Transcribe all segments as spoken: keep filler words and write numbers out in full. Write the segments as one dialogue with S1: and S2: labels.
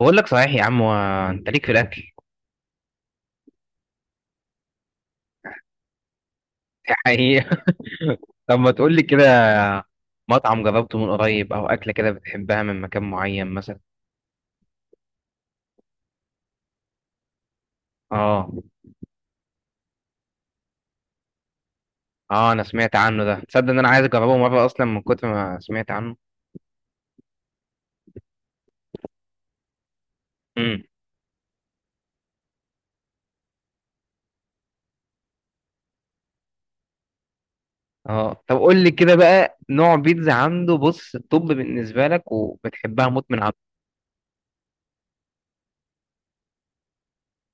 S1: بقول لك صحيح يا عم و... انت ليك في الاكل دي حقيقة. طب ما تقول لي كده، مطعم جربته من قريب او اكله كده بتحبها من مكان معين مثلا؟ اه. اه انا سمعت عنه ده، تصدق ان انا عايز اجربه مره اصلا من كتر ما سمعت عنه. امم اه، طب قول لي كده بقى نوع بيتزا عنده بص الطب بالنسبه لك وبتحبها موت من عنده.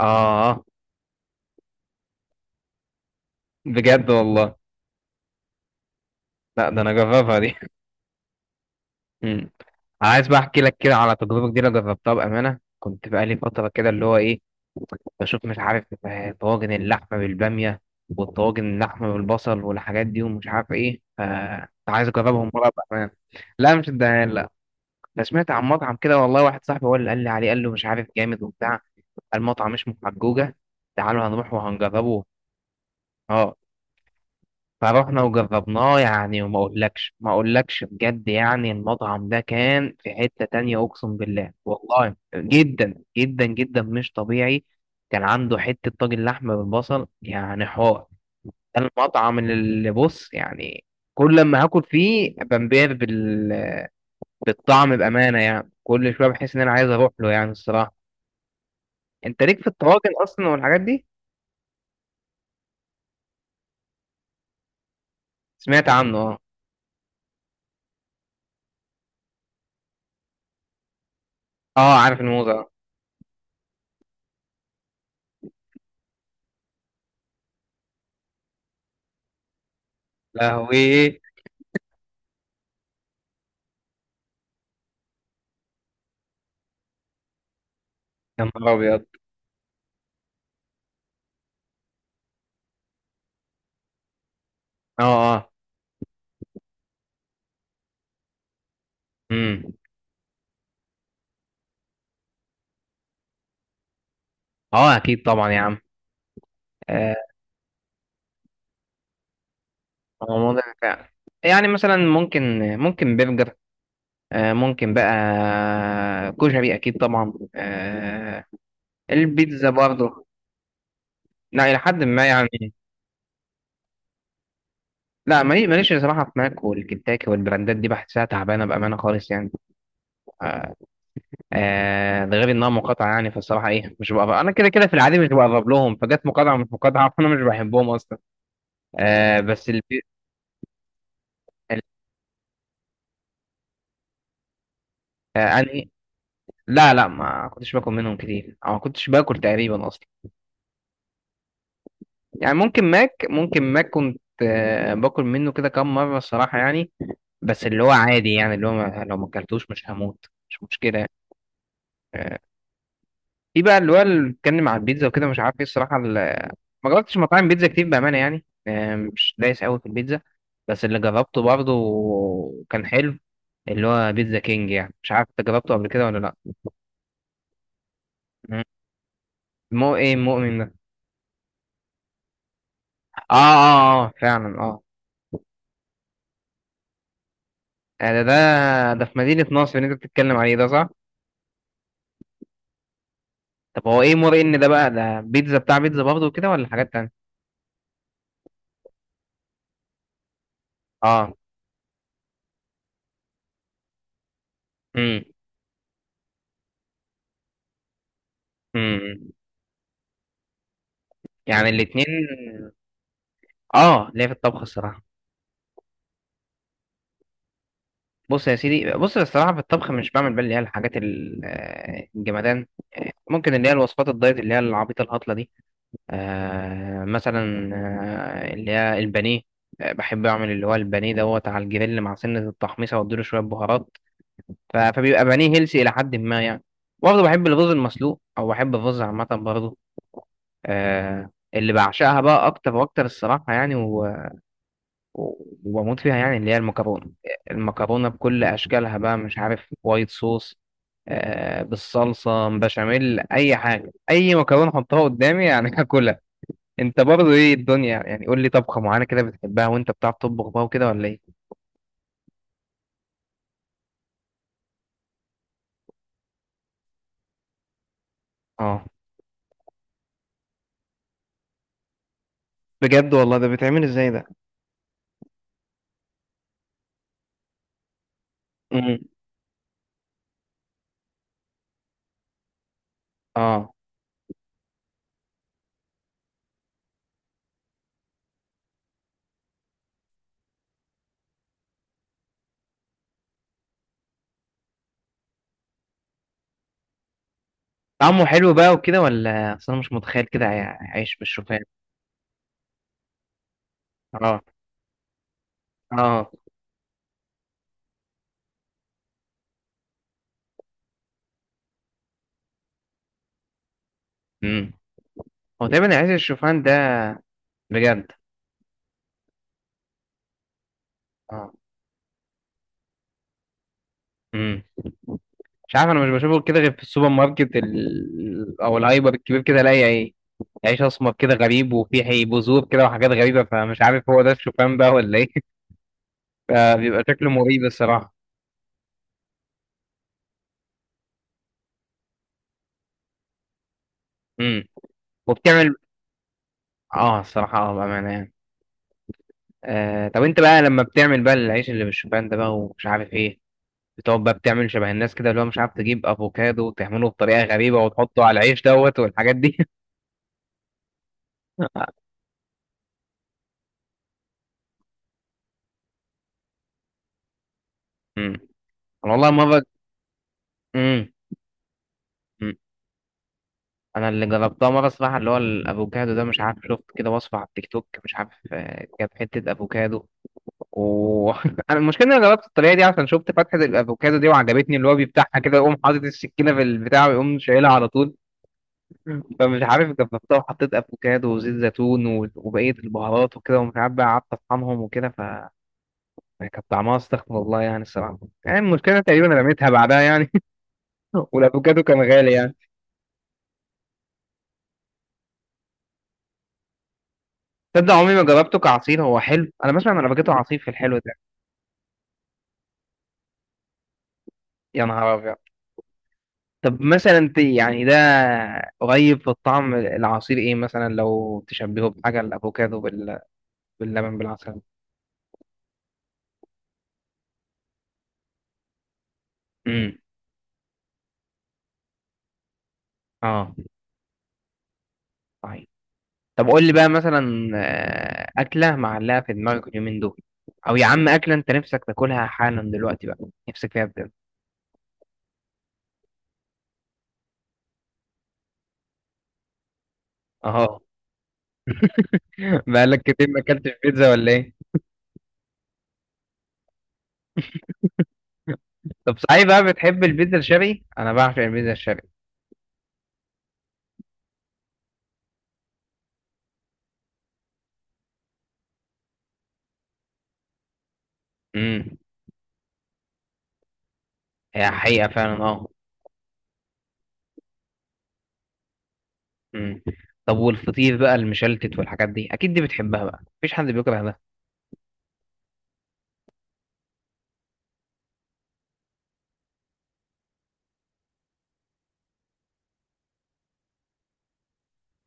S1: اه بجد والله؟ لا ده انا جربها دي. مم. عايز بقى احكي لك كده على تجربه جديده جربتها بامانه، كنت بقالي فتره كده اللي هو ايه، بشوف مش عارف، آه، طواجن اللحمه بالباميه والطواجن اللحمه بالبصل والحاجات دي ومش عارف ايه، فكنت عايز اجربهم مره بامانه. لا مش الدهان، لا. أنا سمعت عن مطعم كده والله، واحد صاحبي هو اللي قال لي عليه، قال له مش عارف جامد وبتاع. المطعم اسمه حجوجه، تعالوا هنروح وهنجربه. اه. فروحنا وجربناه يعني، وما اقولكش ما اقولكش بجد يعني، المطعم ده كان في حتة تانية اقسم بالله والله، جدا جدا جدا مش طبيعي. كان عنده حتة طاجن لحمة بالبصل يعني حوار. ده المطعم اللي اللي بص يعني، كل لما هاكل فيه بنبهر بال... بالطعم بأمانة يعني، كل شوية بحس ان انا عايز اروح له يعني الصراحة. انت ليك في الطواجن اصلا والحاجات دي؟ سمعت عنه اه. اه عارف الموزة. لهوي. يا نهار ابيض. اه اه. امم اه اكيد طبعا يا عم. آه، رمضان فعلا. يعني مثلا ممكن، ممكن برجر، آه، ممكن بقى كشري اكيد طبعا، آه، البيتزا برضه. لا الى حد ما يعني. لا مالي- ماليش صراحه في ماك والكنتاكي والبراندات دي، بحسها تعبانه بامانه خالص يعني. آه، آه، ده غير انها مقاطعه يعني، فالصراحه ايه مش بقرب انا كده كده، في العادي مش بقرب لهم، فجت مقاطعه مش مقاطعه فانا مش بحبهم اصلا. آه، بس البي... ال- آه، انهي؟ لا لا، ما كنتش باكل منهم كتير، او ما كنتش باكل تقريبا اصلا. يعني ممكن ماك، ممكن ماك كنت آه، باكل منه كده كام مره الصراحه يعني. بس اللي هو عادي يعني، اللي هو ما لو ما اكلتوش مش هموت مش مشكله يعني. آه، في بقى اللي هو اللي بيتكلم على البيتزا وكده مش عارف ايه الصراحه، ال- ما جربتش مطاعم بيتزا كتير بامانه يعني، آه، مش دايس قوي في البيتزا. بس اللي جربته برضه كان حلو، اللي هو بيتزا كينج. يعني مش عارف انت جربته قبل كده ولا لا؟ مم. مو ايه مؤمن ده؟ اه اه، آه، فعلا اه. ده ده ده في مدينة نصر اللي انت بتتكلم عليه ده صح؟ طب هو ايه مرة ان ده بقى، ده بيتزا بتاع بيتزا برضه كده ولا حاجات تانية؟ اه. امم امم امم. يعني الاتنين. اه ليا في الطبخ الصراحة. بص يا سيدي، بص الصراحة في الطبخ مش بعمل بقى اللي هي الحاجات ال- آه، الجمدان. ممكن اللي هي الوصفات الدايت اللي هي العبيطة الهطلة دي. آه مثلا، آه اللي هي البانيه، آه، بحب اعمل اللي هو البانيه دوت على الجريل مع سنة التحميصة واديله شوية بهارات. ف- فبيبقى بانيه هيلسي الى حد ما يعني. برضه بحب الرز المسلوق او بحب الرز عامه برضه. آه اللي بعشقها بقى اكتر واكتر الصراحه يعني، و- و- وبموت فيها يعني، اللي هي المكرونه. المكرونه بكل اشكالها بقى، مش عارف وايت صوص، آه بالصلصه بشاميل، اي حاجه، اي مكرونه حطها قدامي يعني هاكلها. انت برضه ايه الدنيا يعني؟ قول لي طبخه معينه كده بتحبها وانت بتعرف تطبخ بقى وكده ولا ايه؟ اه بجد والله؟ ده بيتعمل ازاي ده؟ امم اه طعمه حلو بقى وكده ولا؟ اصل انا مش متخيل كده عي- عيش بالشوفان. اه اه. امم هو تقريبا عيش الشوفان ده. بجد. اه. امم مش عارف، انا مش بشوفه كده غير في السوبر ماركت ال... او الهايبر الكبير كده، الاقي ايه، عيش اسمر كده غريب وفيه حي- بذور كده وحاجات غريبه، فمش عارف هو ده الشوفان بقى ولا ايه فبيبقى شكله مريب الصراحه. امم وبتعمل، اه الصراحه اه بامانه يعني. آه طب انت بقى لما بتعمل بقى العيش اللي بالشوفان ده بقى ومش عارف ايه، بتقعد بقى بتعمل شبه الناس كده اللي هو مش عارف، تجيب افوكادو وتعمله بطريقه غريبه وتحطه على العيش دوت والحاجات دي؟ امم انا والله مره، امم أمم. انا اللي جربتها مره صراحه اللي هو الافوكادو ده، مش عارف شفت كده وصفه على التيك توك مش عارف، آه، جاب حته افوكادو، و انا المشكله ان انا جربت الطريقه دي عشان شفت فتحه الافوكادو دي وعجبتني، اللي هو بيفتحها كده يقوم حاطط السكينه في البتاع ويقوم شايلها على طول. فمش عارف جربتها وحطيت افوكادو وزيت زيتون و- وبقيه البهارات وكده، ومش عارف بقى قعدت اطحنهم وكده، يعني كانت طعمها استغفر الله يعني الصراحه، يعني المشكله تقريبا رميتها بعدها يعني والافوكادو كان غالي يعني. تصدق عمري ما جربته كعصير؟ هو حلو؟ انا بسمع ان الافوكادو عصير في الحلو ده. يا نهار ابيض. طب مثلا انت يعني ده قريب في الطعم، العصير ايه مثلا لو تشبهه بحاجه، الافوكادو بال... باللبن بالعسل؟ امم اه طيب. طب قول لي بقى مثلا، آه، اكله معلقه في دماغك اليومين دول، او يا عم اكله انت نفسك تاكلها حالا دلوقتي بقى، نفسك فيها بجد. اه، بقالك كتير ما اكلتش بيتزا ولا ايه؟ طب صحيح بقى، بتحب البيتزا الشرقي؟ انا بعشق البيتزا الشرقي. امم هي حقيقه فعلا اه. امم طب والفطير بقى المشلتت والحاجات دي، اكيد دي بتحبها بقى، مفيش حد بيكره ده.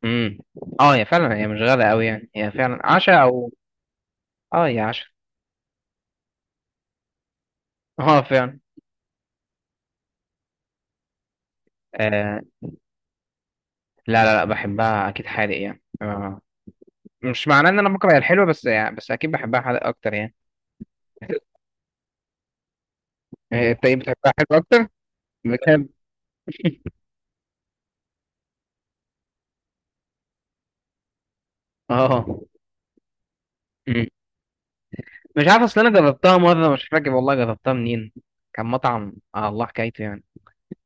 S1: امم اه هي فعلا هي مش غاليه قوي يعني، هي فعلا عشاء او. اه هي عشاء. اه فعلا. آه لا لا لا، بحبها اكيد حادق يعني، آه. مش معناه ان انا بكره الحلو، بس يعني بس اكيد بحبها حادق اكتر يعني. آه، انت ايه، بتحبها حلو اكتر؟ بجد؟ اه. مش عارف، اصل انا جربتها مره مش فاكر والله جربتها منين، كان مطعم آه الله حكايته يعني،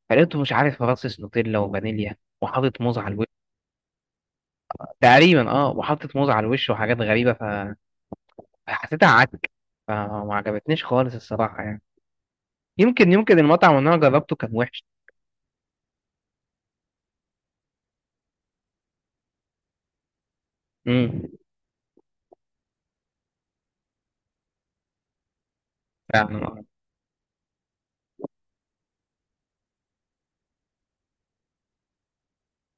S1: فلقيته مش عارف رصص نوتيلا وفانيليا وحاطط موز على الوش. تقريبا اه، وحاطط موز على الوش وحاجات غريبه، ف- فحسيتها عك، فما عجبتنيش خالص الصراحه يعني. يمكن، يمكن المطعم اللي انا جربته كان وحش. امم يعني ما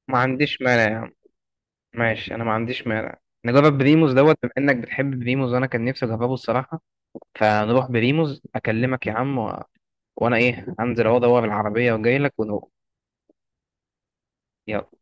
S1: ما عنديش مانع يعني، ماشي انا ما عنديش مانع. نجرب بريموز دوت بما انك بتحب بريموز، وانا كان نفسي اجربه الصراحه. فنروح بريموز، اكلمك يا عم و... وانا ايه، انزل اهو ادور العربيه وجاي لك. يلا.